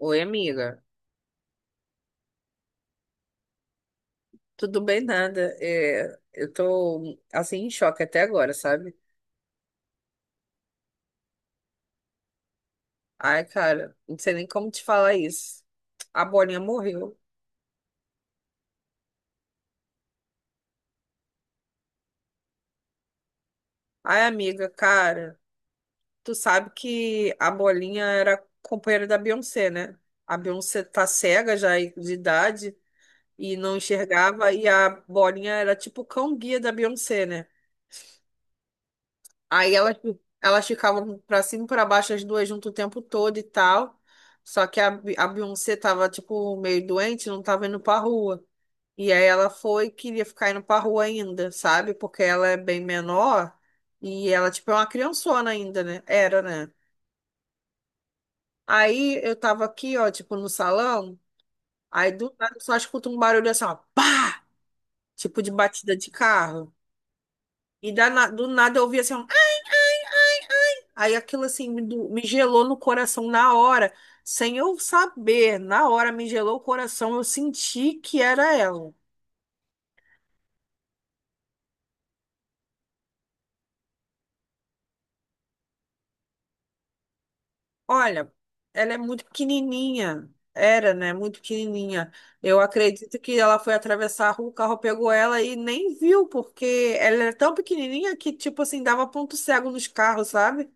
Oi, amiga. Tudo bem, nada. É, eu tô, assim, em choque até agora, sabe? Ai, cara, não sei nem como te falar isso. A Bolinha morreu. Ai, amiga, cara, tu sabe que a Bolinha era companheira da Beyoncé, né? A Beyoncé tá cega já de idade e não enxergava, e a Bolinha era tipo o cão-guia da Beyoncé, né? Aí elas, elas ficavam pra cima e pra baixo, as duas juntas o tempo todo e tal. Só que a Beyoncé tava, tipo, meio doente, não tava indo pra rua. E aí ela foi e queria ficar indo pra rua ainda, sabe? Porque ela é bem menor e ela, tipo, é uma criançona ainda, né? Era, né? Aí eu tava aqui, ó, tipo, no salão. Aí do nada eu só escuto um barulho assim, ó, pá! Tipo de batida de carro. Do nada eu ouvi assim, ó. Aí aquilo assim me gelou no coração na hora, sem eu saber, na hora me gelou o coração, eu senti que era ela. Olha, ela é muito pequenininha, era, né? Muito pequenininha. Eu acredito que ela foi atravessar a rua, o carro pegou ela e nem viu, porque ela era tão pequenininha que, tipo assim, dava ponto cego nos carros, sabe?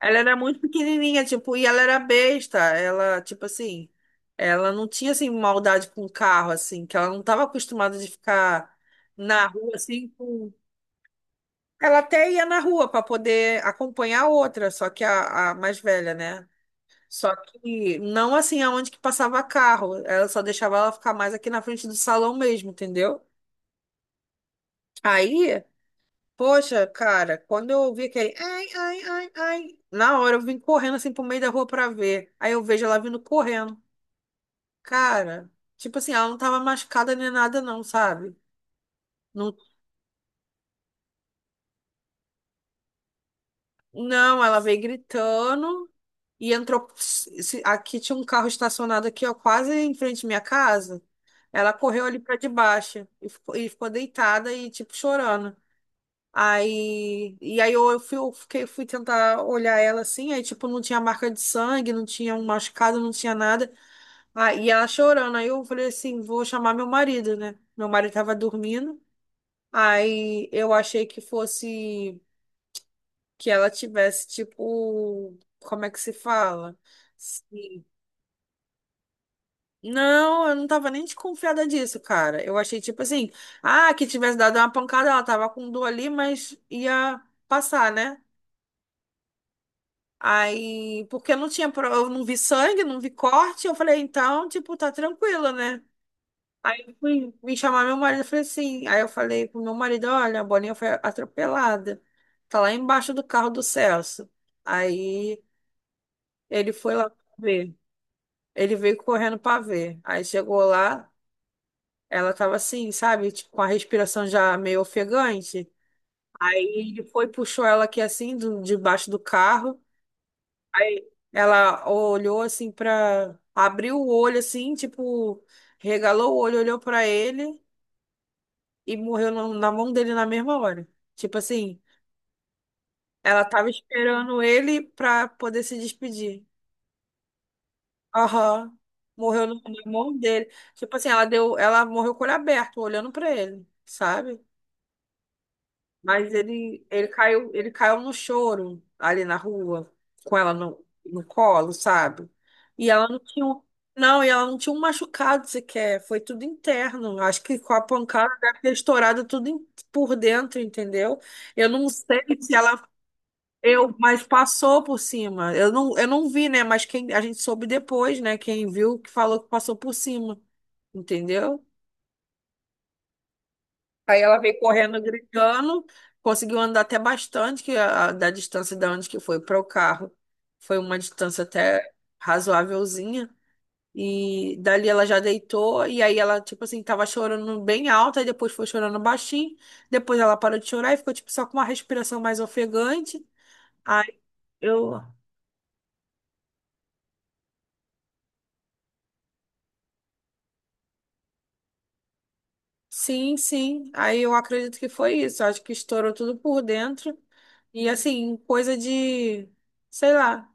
Ela era muito pequenininha, tipo, e ela era besta. Ela, tipo assim, ela não tinha, assim, maldade com o carro, assim, que ela não estava acostumada de ficar na rua, assim, com... Ela até ia na rua para poder acompanhar a outra, só que a mais velha, né? Só que não, assim, aonde que passava carro. Ela só deixava ela ficar mais aqui na frente do salão mesmo, entendeu? Aí... Poxa, cara, quando eu ouvi aquele ai, ai, ai, ai, na hora eu vim correndo assim pro meio da rua pra ver. Aí eu vejo ela vindo correndo. Cara, tipo assim, ela não tava machucada nem nada, não, sabe? Não, não, ela veio gritando e entrou. Aqui tinha um carro estacionado aqui, ó, quase em frente à minha casa. Ela correu ali pra debaixo e ficou deitada e, tipo, chorando. Aí, e aí eu, fui, eu fiquei, fui tentar olhar ela assim, aí tipo, não tinha marca de sangue, não tinha um machucado, não tinha nada. Aí ela chorando. Aí eu falei assim, vou chamar meu marido, né? Meu marido tava dormindo. Aí eu achei que fosse que ela tivesse, tipo, como é que se fala? Se- Não, eu não tava nem desconfiada disso, cara. Eu achei tipo assim, ah, que tivesse dado uma pancada, ela tava com dor ali, mas ia passar, né? Aí, porque eu não vi sangue, não vi corte, eu falei, então, tipo, tá tranquilo, né? Aí eu fui me chamar meu marido, eu falei assim, aí eu falei pro meu marido, olha, a Boninha foi atropelada, tá lá embaixo do carro do Celso. Aí ele foi lá ver, ele veio correndo pra ver. Aí chegou lá, ela tava assim, sabe, tipo, com a respiração já meio ofegante. Aí ele foi, puxou ela aqui assim, do, debaixo do carro. Aí ela olhou assim pra. Abriu o olho assim, tipo, regalou o olho, olhou pra ele e morreu na mão dele na mesma hora. Tipo assim, ela tava esperando ele pra poder se despedir. Aham. Morreu na mão dele. Tipo assim, ela deu, ela morreu com o olho aberto, olhando pra ele, sabe? Mas ele, ele caiu no choro ali na rua, com ela no, no colo, sabe? E ela não tinha, não, e ela não tinha um machucado sequer, foi tudo interno. Acho que com a pancada deve ter estourado tudo por dentro, entendeu? Eu não sei se ela, eu, mas passou por cima. Eu não vi, né? Mas quem a gente soube depois, né? Quem viu que falou que passou por cima, entendeu? Aí ela veio correndo, gritando, conseguiu andar até bastante, que da distância da onde que foi para o carro. Foi uma distância até razoávelzinha. E dali ela já deitou, e aí ela, tipo assim, tava chorando bem alta, e depois foi chorando baixinho. Depois ela parou de chorar e ficou, tipo, só com uma respiração mais ofegante. Aí eu Sim, sim. Aí eu acredito que foi isso. Acho que estourou tudo por dentro. E assim, coisa de, sei lá,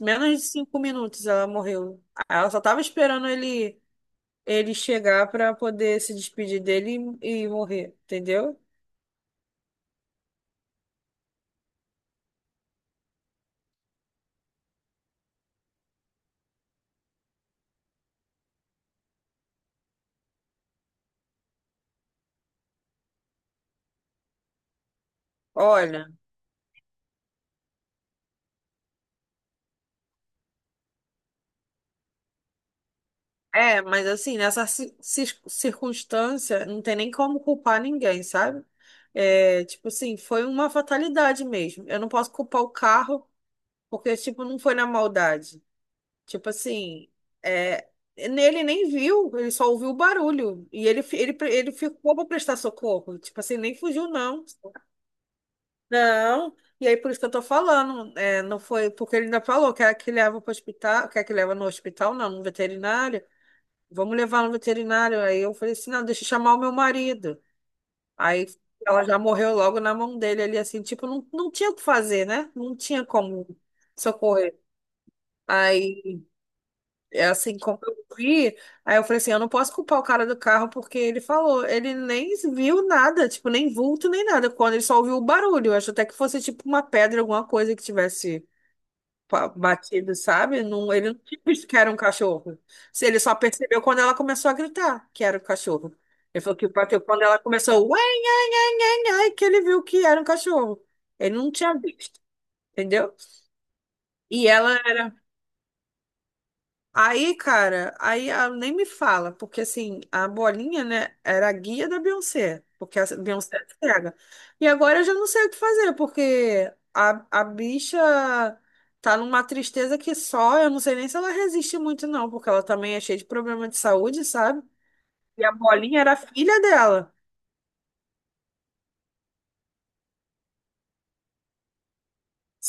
menos de 5 minutos ela morreu. Ela só tava esperando ele, ele chegar para poder se despedir dele e morrer, entendeu? Olha, é, mas assim, nessa circunstância, não tem nem como culpar ninguém, sabe? É, tipo assim, foi uma fatalidade mesmo. Eu não posso culpar o carro, porque, tipo, não foi na maldade. Tipo assim, é, nele nem viu, ele só ouviu o barulho. E ele ficou para prestar socorro. Tipo assim, nem fugiu, não. Não. E aí, por isso que eu tô falando, é, não foi, porque ele ainda falou, quer que leva para hospital, quer que leva no hospital, não, no veterinário. Vamos levar no veterinário. Aí eu falei assim, não, deixa eu chamar o meu marido. Aí ela já morreu logo na mão dele ali, assim, tipo, não, não tinha o que fazer, né? Não tinha como socorrer. Aí é assim, como eu vi, aí eu falei assim, eu não posso culpar o cara do carro porque ele falou, ele nem viu nada, tipo, nem vulto, nem nada, quando ele só ouviu o barulho, eu acho até que fosse tipo uma pedra, alguma coisa que tivesse batido, sabe? Não, ele não tinha visto que era um cachorro. Se Ele só percebeu quando ela começou a gritar que era o cachorro. Ele falou que bateu quando ela começou, ué, nhe, nhe, nhe, nhe, que ele viu que era um cachorro. Ele não tinha visto, entendeu? E ela Aí, cara, aí ah, nem me fala, porque assim, a bolinha, né, era a guia da Beyoncé, porque a Beyoncé é cega. E agora eu já não sei o que fazer, porque a bicha tá numa tristeza que só, eu não sei nem se ela resiste muito, não, porque ela também é cheia de problema de saúde, sabe? E a bolinha era a filha dela.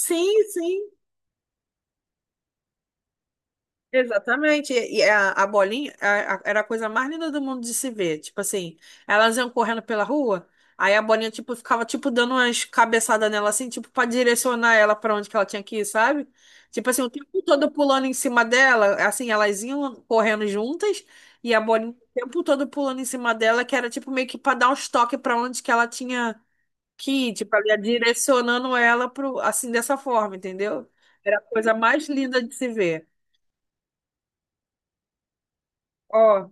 Sim, sim. Exatamente. E a bolinha era a coisa mais linda do mundo de se ver. Tipo assim, elas iam correndo pela rua, aí a bolinha tipo ficava tipo dando umas cabeçadas nela assim, tipo para direcionar ela para onde que ela tinha que ir, sabe? Tipo assim, o tempo todo pulando em cima dela, assim, elas iam correndo juntas e a bolinha o tempo todo pulando em cima dela, que era tipo meio que para dar uns toques para onde que ela tinha que ir, tipo ali direcionando ela pro assim dessa forma, entendeu? Era a coisa mais linda de se ver. Ó,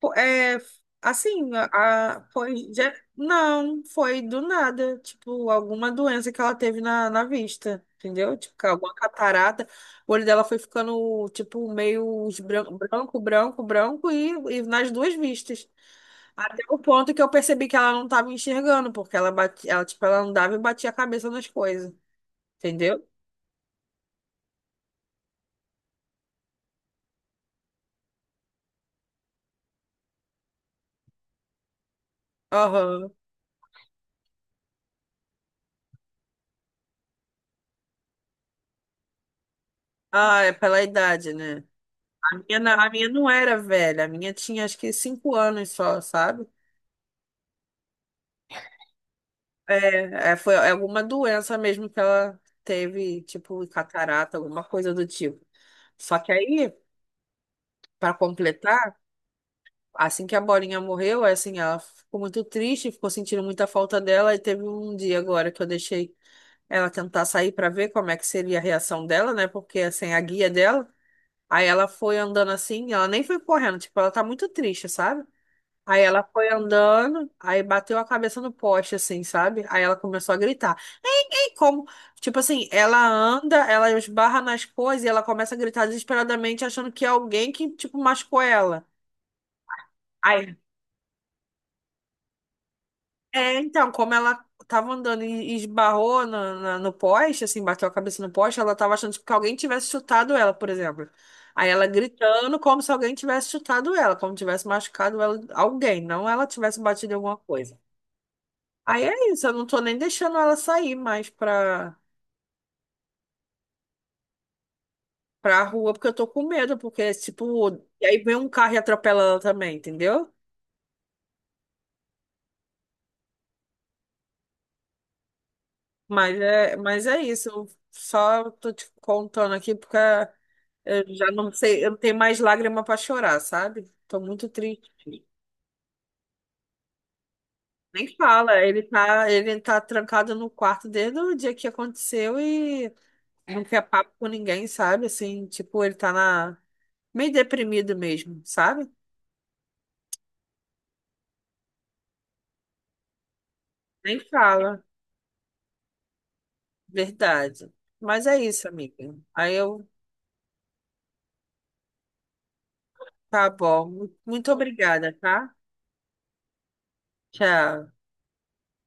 pô, é, assim, foi, não, foi do nada, tipo, alguma doença que ela teve na vista, entendeu? Tipo, alguma catarata, o olho dela foi ficando, tipo, meio branco, branco, branco, e, nas duas vistas. Até o ponto que eu percebi que ela não tava enxergando, porque ela bate ela, tipo, ela andava e batia a cabeça nas coisas, entendeu? Aham. Ah, é pela idade, né? A minha não era velha, a minha tinha acho que 5 anos só, sabe? É, é, foi alguma doença mesmo que ela teve, tipo catarata, alguma coisa do tipo. Só que aí, para completar, assim que a Bolinha morreu, é assim, ela ficou muito triste, ficou sentindo muita falta dela e teve um dia agora que eu deixei ela tentar sair para ver como é que seria a reação dela, né? Porque sem assim, a guia dela, aí ela foi andando assim, ela nem foi correndo, tipo, ela tá muito triste, sabe? Aí ela foi andando, aí bateu a cabeça no poste, assim, sabe? Aí ela começou a gritar. Ei, ei, como? Tipo assim, ela anda, ela esbarra nas coisas e ela começa a gritar desesperadamente, achando que é alguém que, tipo, machucou ela. Aí, é, então, como ela tava andando e esbarrou no poste, assim, bateu a cabeça no poste, ela tava achando tipo, que alguém tivesse chutado ela, por exemplo. Aí ela gritando como se alguém tivesse chutado ela, como tivesse machucado ela, alguém, não ela tivesse batido em alguma coisa. Aí é isso, eu não tô nem deixando ela sair mais pra rua, porque eu tô com medo, porque é tipo. E aí vem um carro e atropela ela também, entendeu? Mas é isso, eu só tô te contando aqui porque eu já não sei, eu não tenho mais lágrima pra chorar, sabe? Tô muito triste. Nem fala, ele tá trancado no quarto desde o dia que aconteceu e não quer papo com ninguém, sabe? Assim, tipo, ele tá na... meio deprimido mesmo, sabe? Nem fala. Verdade. Mas é isso, amiga. Aí eu, tá bom. Muito obrigada, tá? Tchau.